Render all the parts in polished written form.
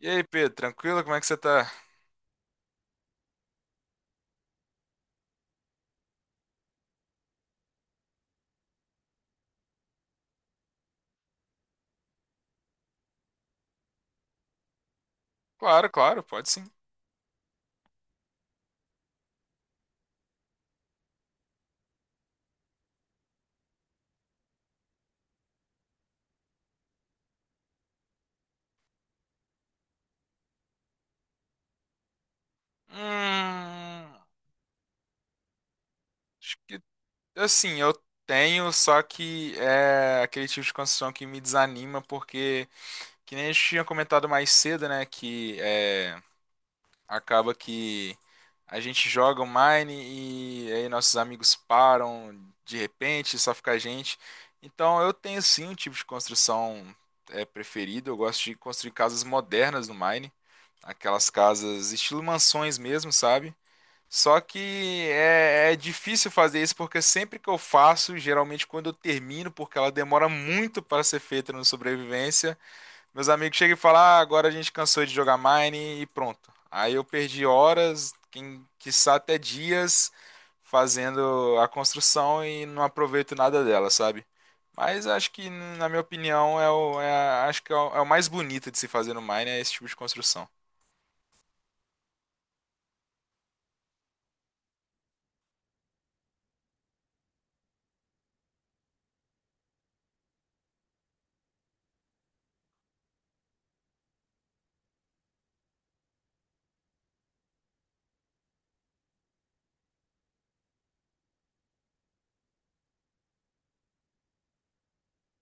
E aí, Pedro, tranquilo? Como é que você tá? Claro, claro, pode sim. Hum, acho que assim, eu tenho, só que é aquele tipo de construção que me desanima, porque que nem a gente tinha comentado mais cedo, né? Que é. Acaba que a gente joga o Mine e aí nossos amigos param de repente, só fica a gente. Então eu tenho sim um tipo de construção preferido. Eu gosto de construir casas modernas no Mine, aquelas casas estilo mansões mesmo, sabe? Só que é difícil fazer isso porque sempre que eu faço, geralmente quando eu termino, porque ela demora muito para ser feita no sobrevivência, meus amigos chegam e falam, ah, agora a gente cansou de jogar Mine e pronto. Aí eu perdi horas, quem quiçá até dias, fazendo a construção e não aproveito nada dela, sabe? Mas acho que, na minha opinião, acho que é o mais bonito de se fazer no Mine, é esse tipo de construção.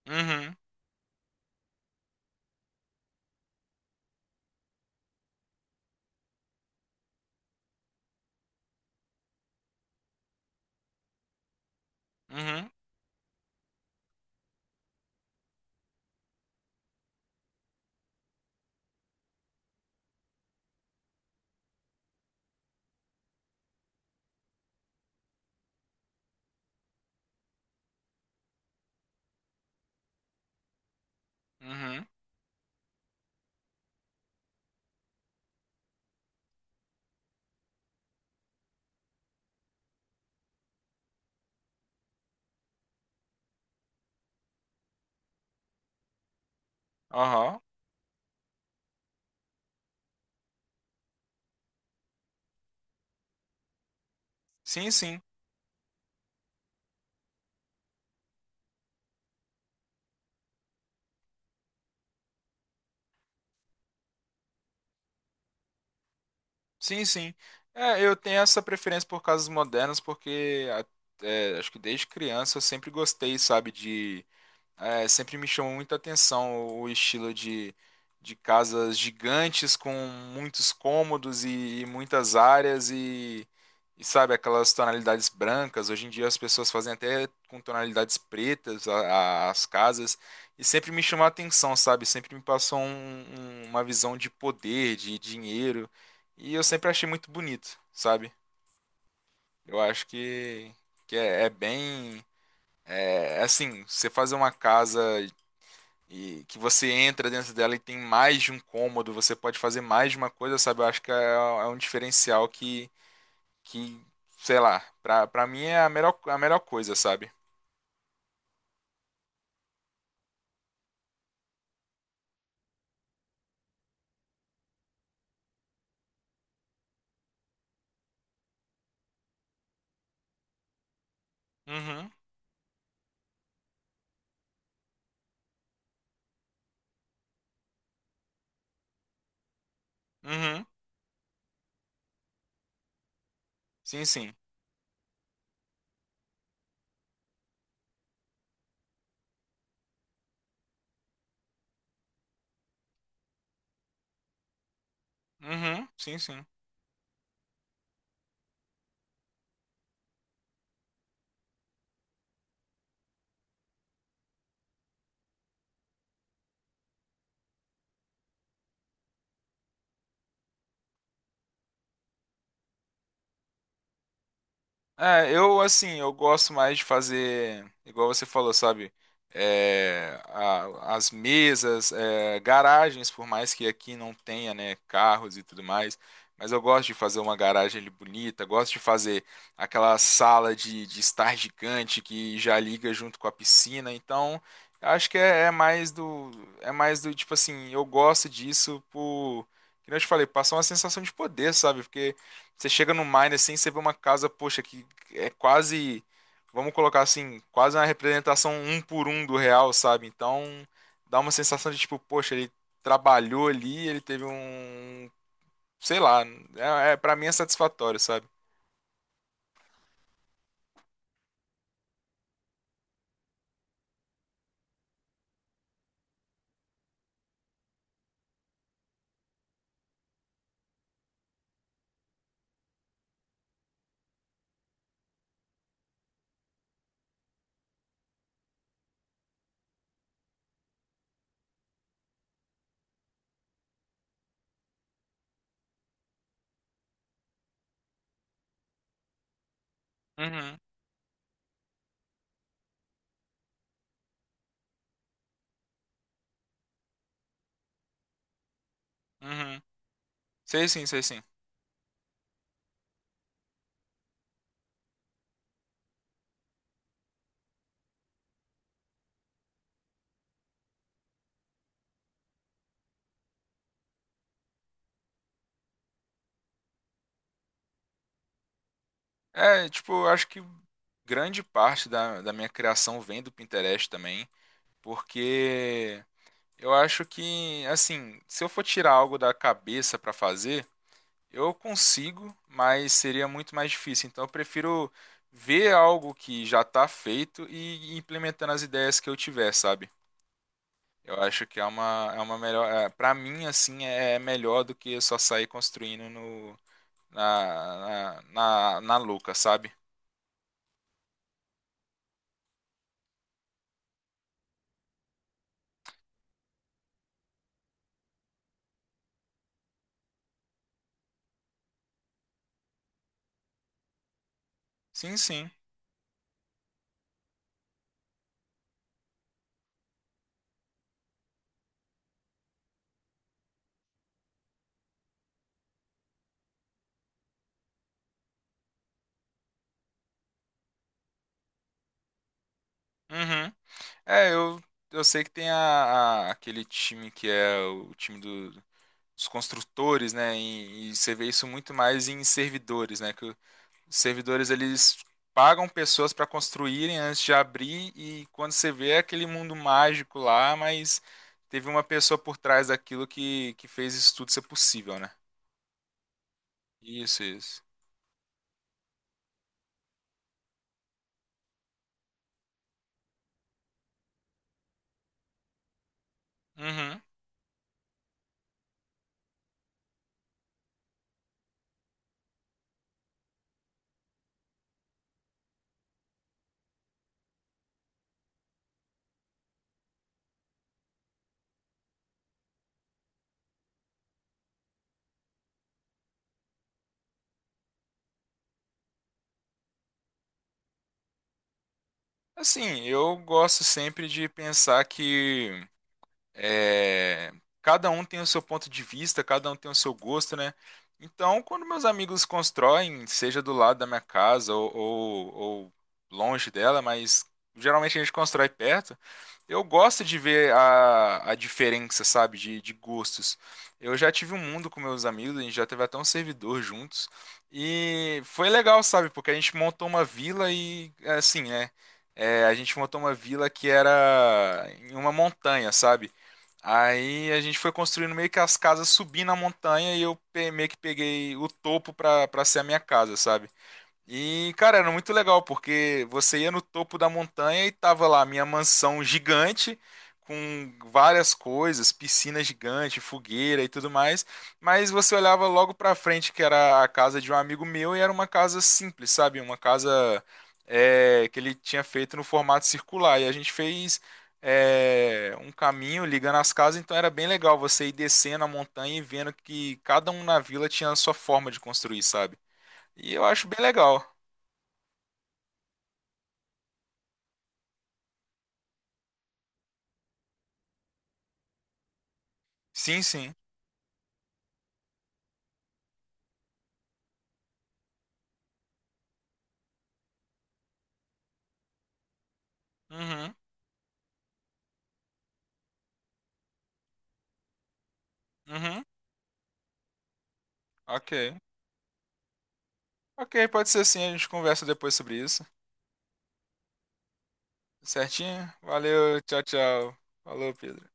Uhum, uhum, uhum, aham. Sim, sim, sim, sim. É, eu tenho essa preferência por casas modernas, é, acho que desde criança eu sempre gostei, sabe, de é, sempre me chamou muita atenção o estilo de casas gigantes com muitos cômodos e muitas áreas e, sabe, aquelas tonalidades brancas. Hoje em dia as pessoas fazem até com tonalidades pretas as casas e sempre me chamou a atenção, sabe? Sempre me passou uma visão de poder, de dinheiro e eu sempre achei muito bonito, sabe? Eu acho que é é bem. É, assim, você fazer uma casa e que você entra dentro dela e tem mais de um cômodo, você pode fazer mais de uma coisa, sabe? Eu acho que é, é um diferencial que sei lá, pra mim é a melhor coisa, sabe? Uhum, uhum, sim, sim. Uhum, sim, sim. É, eu assim, eu gosto mais de fazer, igual você falou, sabe? É, as mesas, é, garagens, por mais que aqui não tenha, né, carros e tudo mais, mas eu gosto de fazer uma garagem ali bonita, gosto de fazer aquela sala de estar gigante que já liga junto com a piscina, então eu acho que é, é mais do tipo assim, eu gosto disso por, que nem eu te falei, passar uma sensação de poder, sabe? Porque você chega no Mine assim, você vê uma casa, poxa, que é quase, vamos colocar assim, quase uma representação um por um do real, sabe? Então dá uma sensação de tipo, poxa, ele trabalhou ali, ele teve um, sei lá, é para mim é satisfatório, sabe? Uhum, uhum. Sei sim, sei sim. É, tipo, eu acho que grande parte da minha criação vem do Pinterest também, porque eu acho que, assim, se eu for tirar algo da cabeça pra fazer eu consigo, mas seria muito mais difícil. Então eu prefiro ver algo que já está feito e ir implementando as ideias que eu tiver, sabe? Eu acho que é uma melhor. É, para mim, assim, é é melhor do que só sair construindo no, na, na, na, na louca, sabe? Sim, sim. Uhum. É, eu sei que tem aquele time que é o time dos construtores, né? E você vê isso muito mais em servidores, né? Que os servidores eles pagam pessoas para construírem antes de abrir e quando você vê é aquele mundo mágico lá, mas teve uma pessoa por trás daquilo que fez isso tudo ser possível, né? Isso, isso. Uhum. Assim, eu gosto sempre de pensar que é, cada um tem o seu ponto de vista, cada um tem o seu gosto, né? Então, quando meus amigos constroem, seja do lado da minha casa ou longe dela, mas geralmente a gente constrói perto, eu gosto de ver a diferença, sabe, de gostos. Eu já tive um mundo com meus amigos, a gente já teve até um servidor juntos, e foi legal, sabe, porque a gente montou uma vila e, assim, né? É, a gente montou uma vila que era em uma montanha, sabe? Aí a gente foi construindo meio que as casas subindo a montanha e eu meio que peguei o topo pra ser a minha casa, sabe? E, cara, era muito legal, porque você ia no topo da montanha e tava lá a minha mansão gigante, com várias coisas, piscina gigante, fogueira e tudo mais. Mas você olhava logo pra frente, que era a casa de um amigo meu, e era uma casa simples, sabe? Uma casa é, que ele tinha feito no formato circular. E a gente fez é, um caminho ligando as casas, então era bem legal você ir descendo a montanha e vendo que cada um na vila tinha a sua forma de construir, sabe? E eu acho bem legal. Sim, sim. Uhum, uhum. Ok. Ok, pode ser sim, a gente conversa depois sobre isso. Certinho? Valeu, tchau, tchau. Falou, Pedro.